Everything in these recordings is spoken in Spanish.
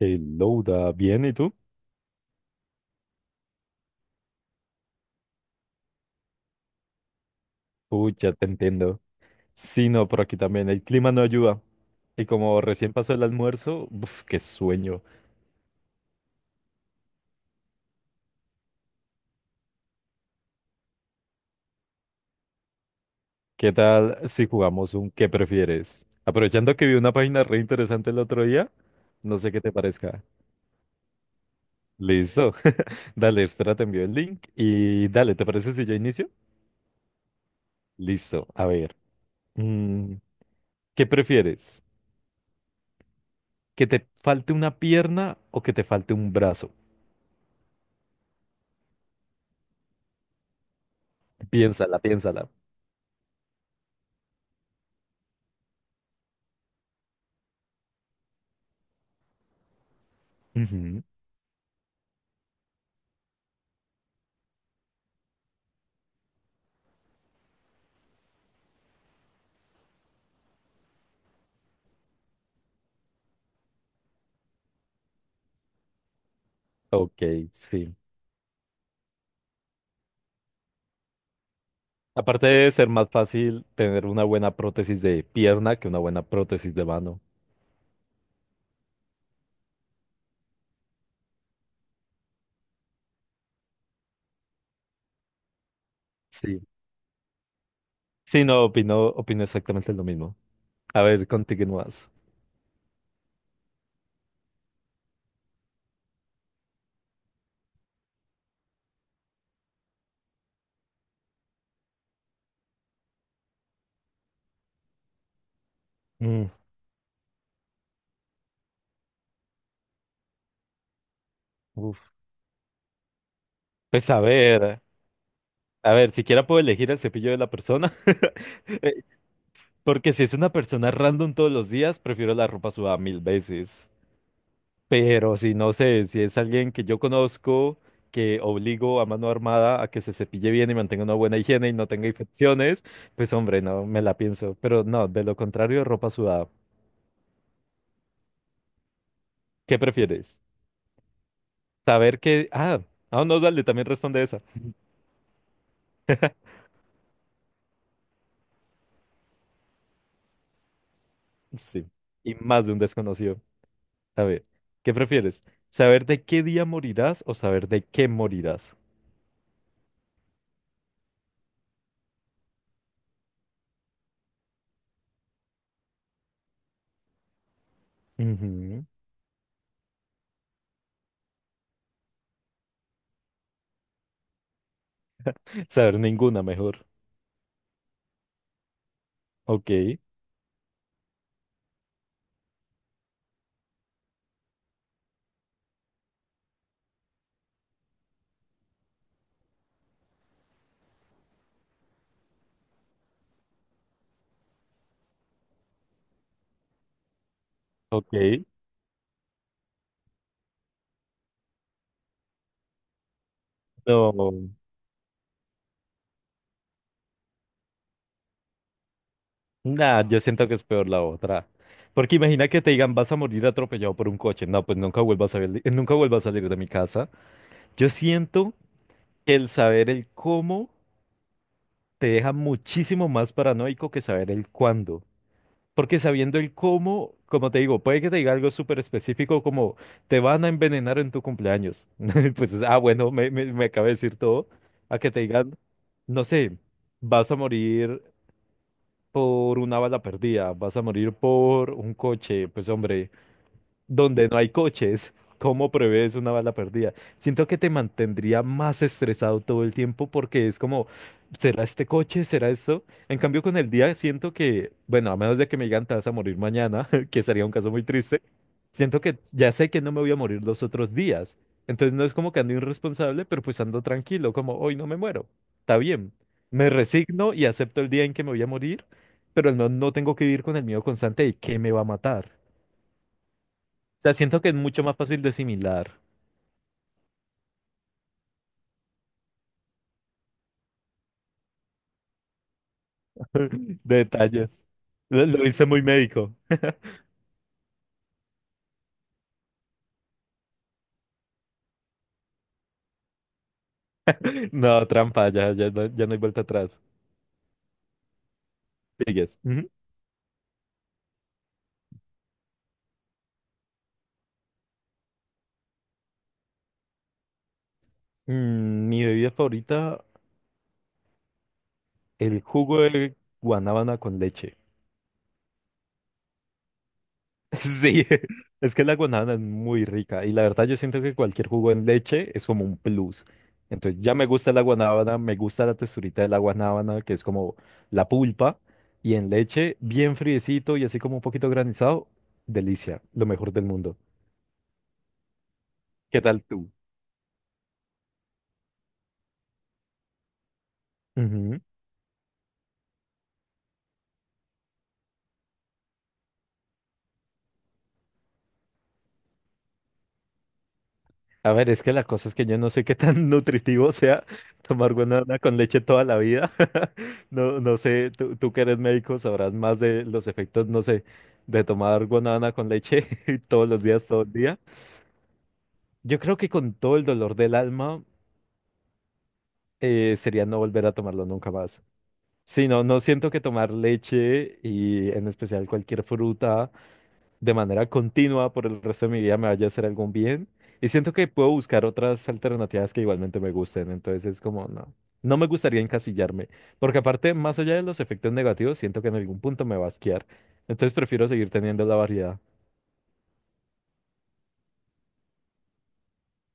Louda, bien, ¿y tú? Uy, ya te entiendo. Sí, no, por aquí también el clima no ayuda. Y como recién pasó el almuerzo, uf, qué sueño. ¿Qué tal si jugamos un ¿qué prefieres? Aprovechando que vi una página re interesante el otro día, no sé qué te parezca. Listo. Dale, espera, te envío el link y dale, ¿te parece si yo inicio? Listo, a ver. mm, ¿Qué prefieres? ¿Que te falte una pierna o que te falte un brazo? Piénsala, piénsala. Ujú. Ok, sí. Aparte de ser más fácil tener una buena prótesis de pierna que una buena prótesis de mano. Sí. Sí, no, opino exactamente lo mismo. A ver, continúas. Mm, uf. Pues a ver, siquiera puedo elegir el cepillo de la persona. Eh, Porque si es una persona random todos los días, prefiero la ropa sudada mil veces. Pero si no sé, si es alguien que yo conozco, que obligo a mano armada a que se cepille bien y mantenga una buena higiene y no tenga infecciones, pues hombre, no me la pienso. Pero no, de lo contrario, ropa sudada. ¿Qué prefieres? Saber que... Ah, ah, no, dale, también responde esa. Sí, y más de un desconocido. A ver, ¿qué prefieres? ¿Saber de qué día morirás o saber de qué morirás? Ujú. Saber ninguna mejor. Ok, ok. No. Nah, yo siento que es peor la otra. Porque imagina que te digan, vas a morir atropellado por un coche. No, pues nunca vuelvas a salir, nunca vuelvas a salir de mi casa. Yo siento que el saber el cómo te deja muchísimo más paranoico que saber el cuándo. Porque sabiendo el cómo, como te digo, puede que te diga algo súper específico como te van a envenenar en tu cumpleaños. Pues, ah, bueno, me acaba de decir todo. A que te digan, no sé, vas a morir por una bala perdida, vas a morir por un coche. Pues hombre, donde no hay coches. ¿Cómo prevés una bala perdida? Siento que te mantendría más estresado todo el tiempo porque es como, ¿será este coche? ¿Será esto? En cambio, con el día siento que, bueno, a menos de que me digan te vas a morir mañana, que sería un caso muy triste, siento que ya sé que no me voy a morir los otros días. Entonces no es como que ando irresponsable, pero pues ando tranquilo, como hoy no me muero. Está bien. Me resigno y acepto el día en que me voy a morir, pero no, no tengo que vivir con el miedo constante de qué me va a matar sea, siento que es mucho más fácil de asimilar. Detalles. Lo hice muy médico. No, trampa, ya, ya, no, ya no hay vuelta atrás. Sigues. Ujú. Mm, mi bebida favorita, el jugo de guanábana con leche. Sí, es que la guanábana es muy rica y la verdad yo siento que cualquier jugo en leche es como un plus. Entonces ya me gusta la guanábana, me gusta la texturita de la guanábana, que es como la pulpa, y en leche bien friecito y así como un poquito granizado, delicia, lo mejor del mundo. ¿Qué tal tú? Ujú. A ver, es que la cosa es que yo no sé qué tan nutritivo sea tomar guanábana con leche toda la vida. No, no sé, tú que eres médico sabrás más de los efectos, no sé, de tomar guanábana con leche todos los días, todo el día. Yo creo que con todo el dolor del alma sería no volver a tomarlo nunca más. Sí, no, no siento que tomar leche y en especial cualquier fruta de manera continua por el resto de mi vida me vaya a hacer algún bien. Y siento que puedo buscar otras alternativas que igualmente me gusten. Entonces es como, no, no me gustaría encasillarme. Porque aparte, más allá de los efectos negativos, siento que en algún punto me va a asquear. Entonces prefiero seguir teniendo la variedad.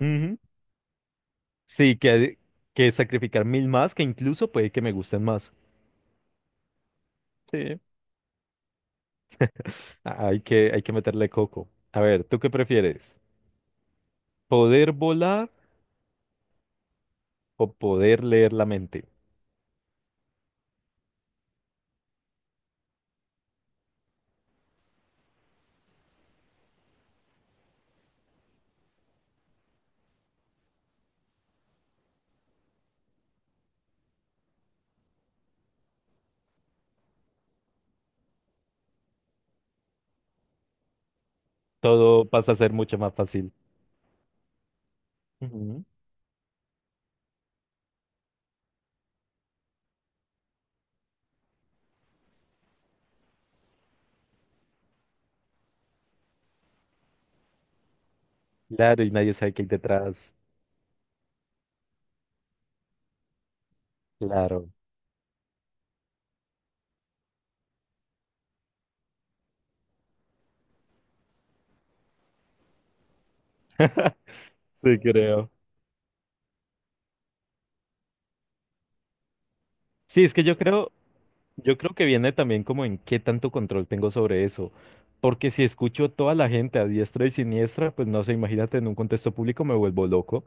Ujú. Sí, que sacrificar mil más, que incluso puede que me gusten más. Sí. A- Hay que meterle coco. A ver, ¿tú qué prefieres? ¿Poder volar o poder leer la mente? Todo pasa a ser mucho más fácil. Claro, y nadie sabe qué hay detrás. Claro. Sí, creo. Sí, es que yo creo que viene también como en qué tanto control tengo sobre eso. Porque si escucho toda la gente a diestra y siniestra, pues no sé, imagínate en un contexto público me vuelvo loco.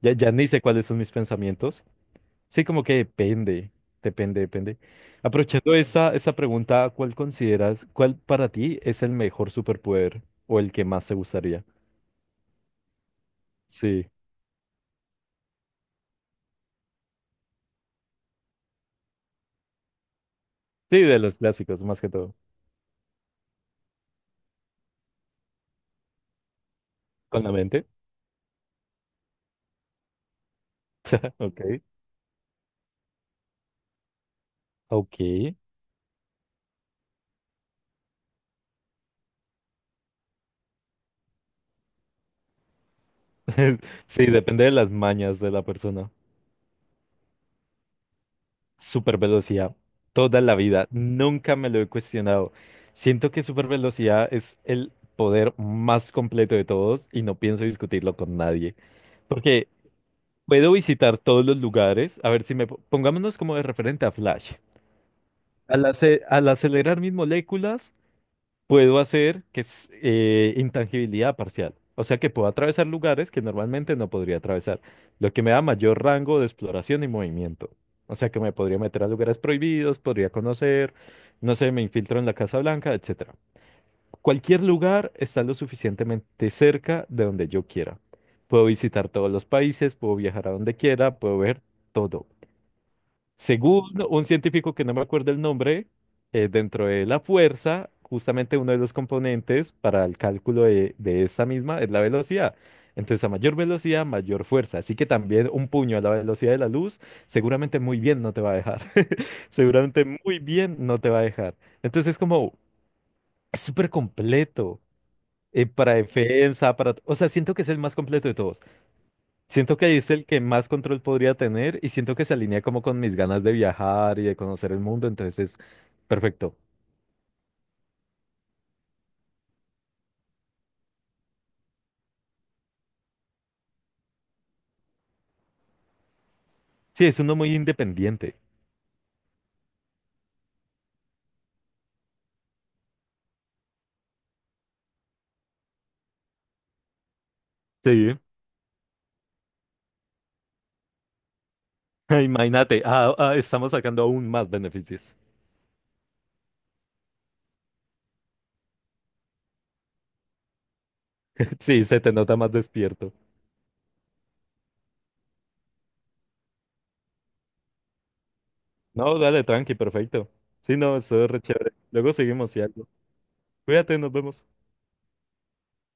Ya, ya ni sé cuáles son mis pensamientos. Sí, como que depende, depende, depende. Aprovechando esa, esa pregunta, ¿cuál consideras, cuál para ti es el mejor superpoder o el que más te gustaría? Sí, sí, de los clásicos, más que todo. ¿Con la mente? Ok. Ok. Sí, depende de las mañas de la persona. Super velocidad. Toda la vida. Nunca me lo he cuestionado. Siento que super velocidad es el poder más completo de todos y no pienso discutirlo con nadie. Porque puedo visitar todos los lugares. A ver si me... po- Pongámonos como de referente a Flash. Al, ace- al acelerar mis moléculas, puedo hacer que es intangibilidad parcial. O sea que puedo atravesar lugares que normalmente no podría atravesar, lo que me da mayor rango de exploración y movimiento. O sea que me podría meter a lugares prohibidos, podría conocer, no sé, me infiltro en la Casa Blanca, etcétera. Cualquier lugar está lo suficientemente cerca de donde yo quiera. Puedo visitar todos los países, puedo viajar a donde quiera, puedo ver todo. Según un científico que no me acuerdo el nombre, dentro de la fuerza, justamente uno de los componentes para el cálculo de esa misma es la velocidad. Entonces, a mayor velocidad, mayor fuerza. Así que también un puño a la velocidad de la luz, seguramente muy bien no te va a dejar. Seguramente muy bien no te va a dejar. Entonces, es como es súper completo. Para defensa, para... O sea, siento que es el más completo de todos. Siento que es el que más control podría tener y siento que se alinea como con mis ganas de viajar y de conocer el mundo, entonces es perfecto. Sí, es uno muy independiente. Sí. Imagínate, ah, ah, estamos sacando aún más beneficios. Sí, se te nota más despierto. No, dale, tranqui, perfecto. Sí, no, eso es re chévere. Luego seguimos y algo. Cuídate, nos vemos.